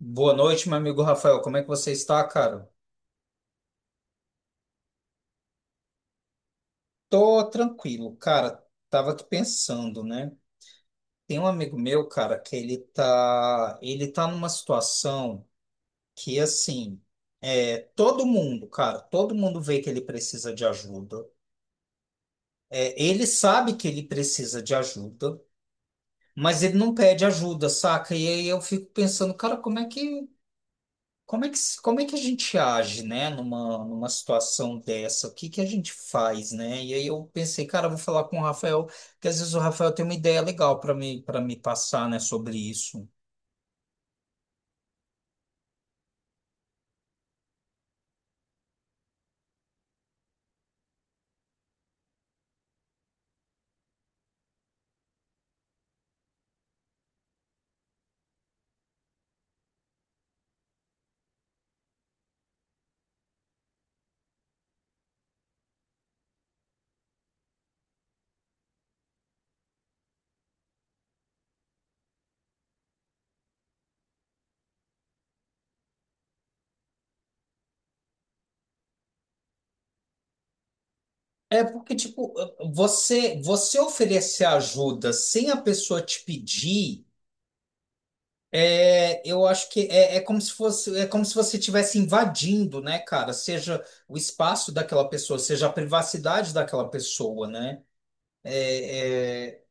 Boa noite, meu amigo Rafael. Como é que você está, cara? Tô tranquilo, cara. Tava aqui pensando, né? Tem um amigo meu, cara, que ele tá numa situação que assim, todo mundo, cara, todo mundo vê que ele precisa de ajuda. É, ele sabe que ele precisa de ajuda, mas ele não pede ajuda, saca? E aí eu fico pensando, cara, Como é que, como é que a gente age, né, numa situação dessa? O que que a gente faz, né? E aí eu pensei, cara, eu vou falar com o Rafael, que às vezes o Rafael tem uma ideia legal para para me passar, né, sobre isso. É porque, tipo, você oferecer ajuda sem a pessoa te pedir, eu acho que é como se fosse, é como se você estivesse invadindo, né, cara? Seja o espaço daquela pessoa, seja a privacidade daquela pessoa, né? É, é,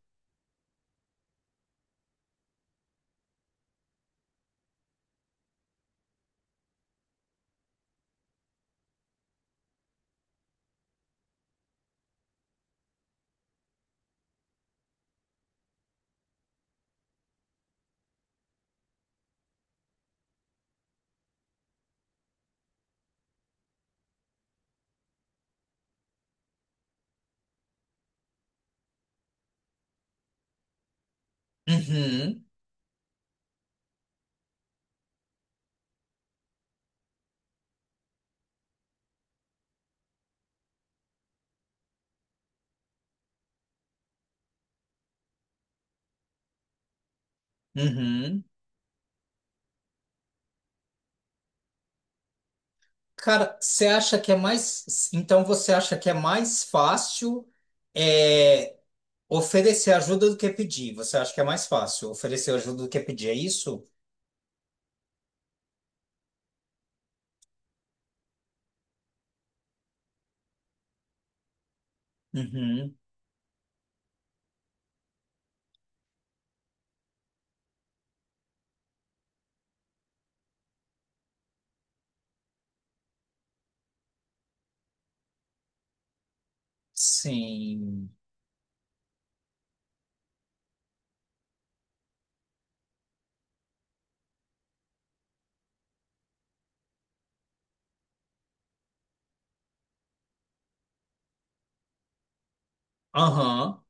uhum. Uhum. Cara, você acha que é mais. Então você acha que é mais fácil é, oferecer ajuda do que pedir? Você acha que é mais fácil oferecer ajuda do que pedir? É isso? Uhum. Sim. Aham.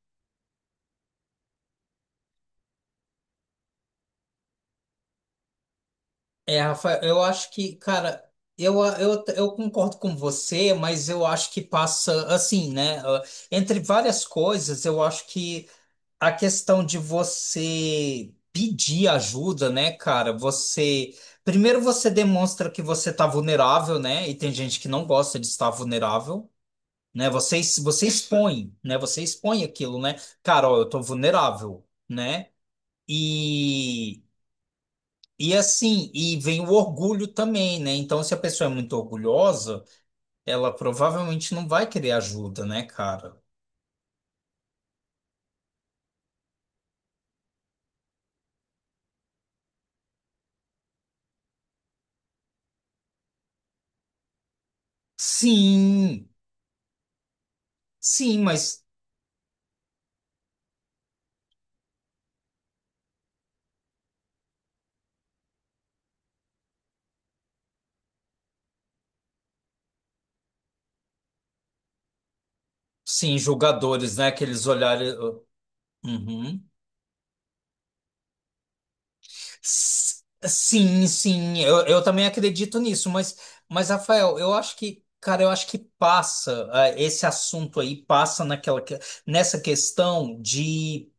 É, Rafael, eu acho que, cara, eu concordo com você, mas eu acho que passa assim, né? Ah, entre várias coisas, eu acho que. A questão de você pedir ajuda, né, cara? Você. Primeiro você demonstra que você tá vulnerável, né? E tem gente que não gosta de estar vulnerável, né? Você, você expõe, né? Você expõe aquilo, né? Cara, ó, eu tô vulnerável, né? E. E assim, e vem o orgulho também, né? Então, se a pessoa é muito orgulhosa, ela provavelmente não vai querer ajuda, né, cara? Sim, sim, mas. Sim, julgadores, né? Aqueles olhares. Uhum. S- Sim, sim, eu também acredito nisso, mas, Rafael, eu acho que, cara, eu acho que passa, ah, esse assunto aí passa naquela, nessa questão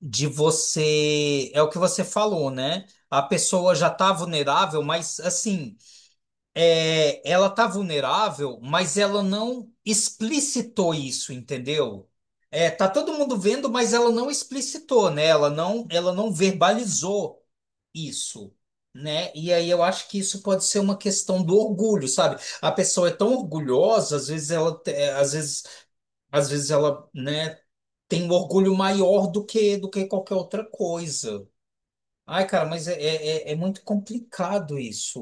de você. É o que você falou, né? A pessoa já tá vulnerável, mas assim. É, ela tá vulnerável, mas ela não explicitou isso, entendeu? É, tá todo mundo vendo, mas ela não explicitou, né? Ela não verbalizou isso, né? E aí eu acho que isso pode ser uma questão do orgulho, sabe? A pessoa é tão orgulhosa, às vezes ela, às vezes ela, né, tem um orgulho maior do que qualquer outra coisa. Ai, cara, mas é muito complicado isso.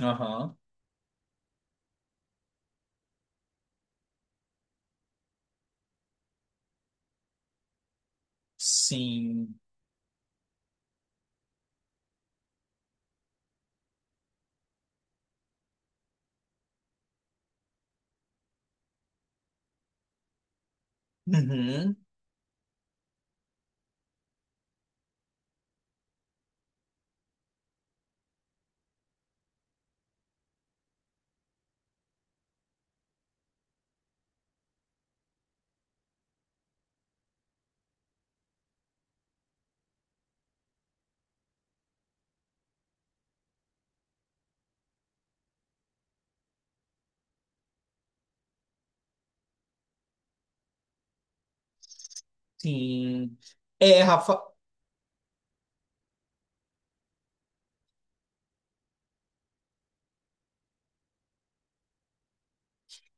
Aham. Sim. Uhum, sim. É, Rafa.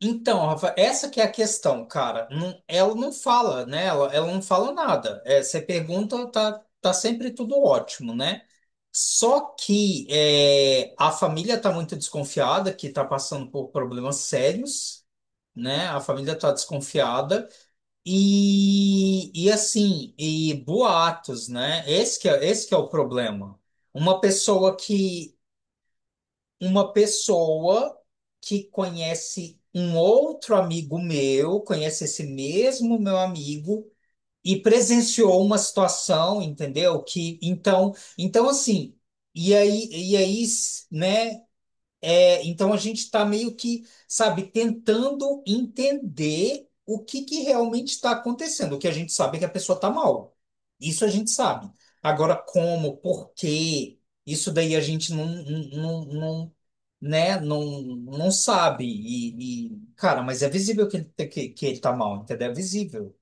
Então, Rafa, essa que é a questão, cara. Ela não fala, né? Ela não fala nada. É, você pergunta, tá sempre tudo ótimo, né? Só que é, a família tá muito desconfiada, que tá passando por problemas sérios, né? A família tá desconfiada. E assim, e boatos, né? Esse que é o problema. Uma pessoa que uma pessoa que conhece um outro amigo meu, conhece esse mesmo meu amigo e presenciou uma situação, entendeu? Que então, então assim, e aí, né? É, então a gente está meio que, sabe, tentando entender o que que realmente está acontecendo. O que a gente sabe é que a pessoa está mal. Isso a gente sabe. Agora, como, por quê? Isso daí a gente não, né, não, não sabe. E, cara, mas é visível que ele está mal, entendeu? É visível.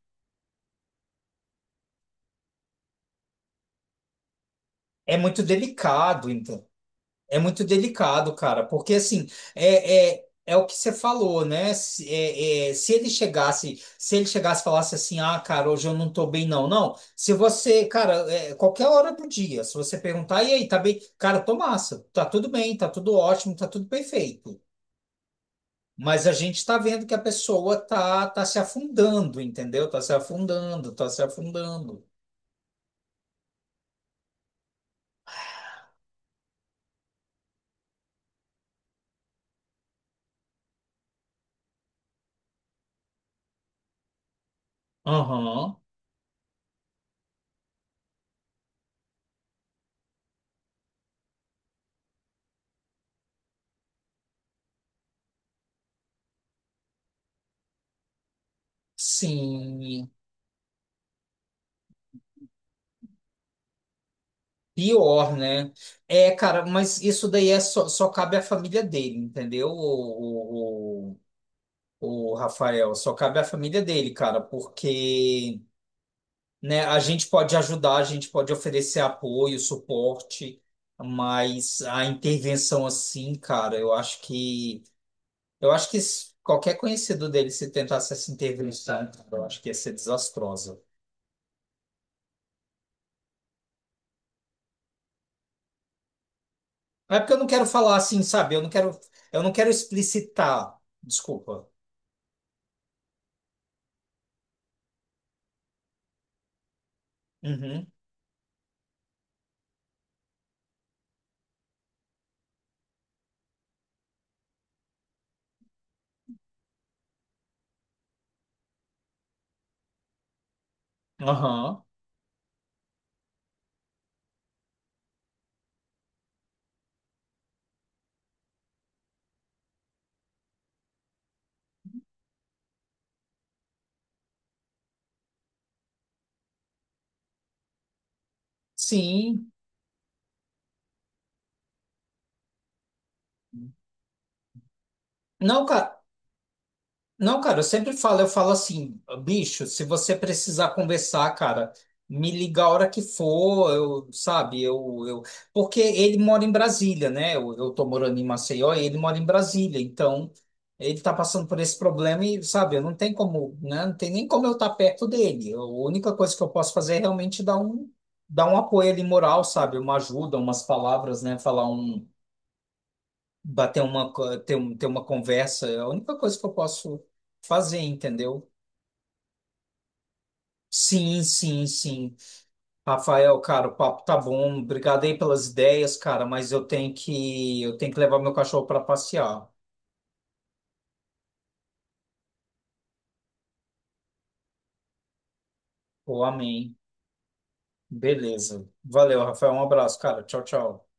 É muito delicado. É muito delicado, cara, porque assim, é o que você falou, né? Se, é- é, se ele chegasse, se ele chegasse e falasse assim, ah, cara, hoje eu não tô bem, não, não. Se você, cara, é, qualquer hora do dia, se você perguntar, e aí, tá bem? Cara, tô massa, tá tudo bem, tá tudo ótimo, tá tudo perfeito. Mas a gente tá vendo que a pessoa tá se afundando, entendeu? Tá se afundando, tá se afundando. Aham, sim. Pior, né? É, cara, mas isso daí é só, só cabe à família dele, entendeu? O Rafael, só cabe à família dele, cara, porque, né, a gente pode ajudar, a gente pode oferecer apoio, suporte, mas a intervenção assim, cara, eu acho que qualquer conhecido dele se tentasse essa intervenção, cara, eu acho que ia ser desastrosa. É porque eu não quero falar assim, sabe? Eu não quero explicitar, desculpa. Uhum. Aham, sim. Não, cara, não, cara, eu sempre falo, eu falo assim, bicho, se você precisar conversar, cara, me liga a hora que for, eu, porque ele mora em Brasília, né? Eu tô morando em Maceió e ele mora em Brasília, então ele tá passando por esse problema e, sabe, eu não tem como, né? Não tem nem como eu estar perto dele. A única coisa que eu posso fazer é realmente dar um apoio ali moral, sabe? Uma ajuda, umas palavras, né? Falar um bater uma, co- ter, um- ter uma conversa, é a única coisa que eu posso fazer, entendeu? Sim, sim, sim. Rafael, cara, o papo tá bom. Obrigado aí pelas ideias, cara, mas eu tenho que levar meu cachorro para passear. Pô, amém. Beleza. Valeu, Rafael. Um abraço, cara. Tchau, tchau.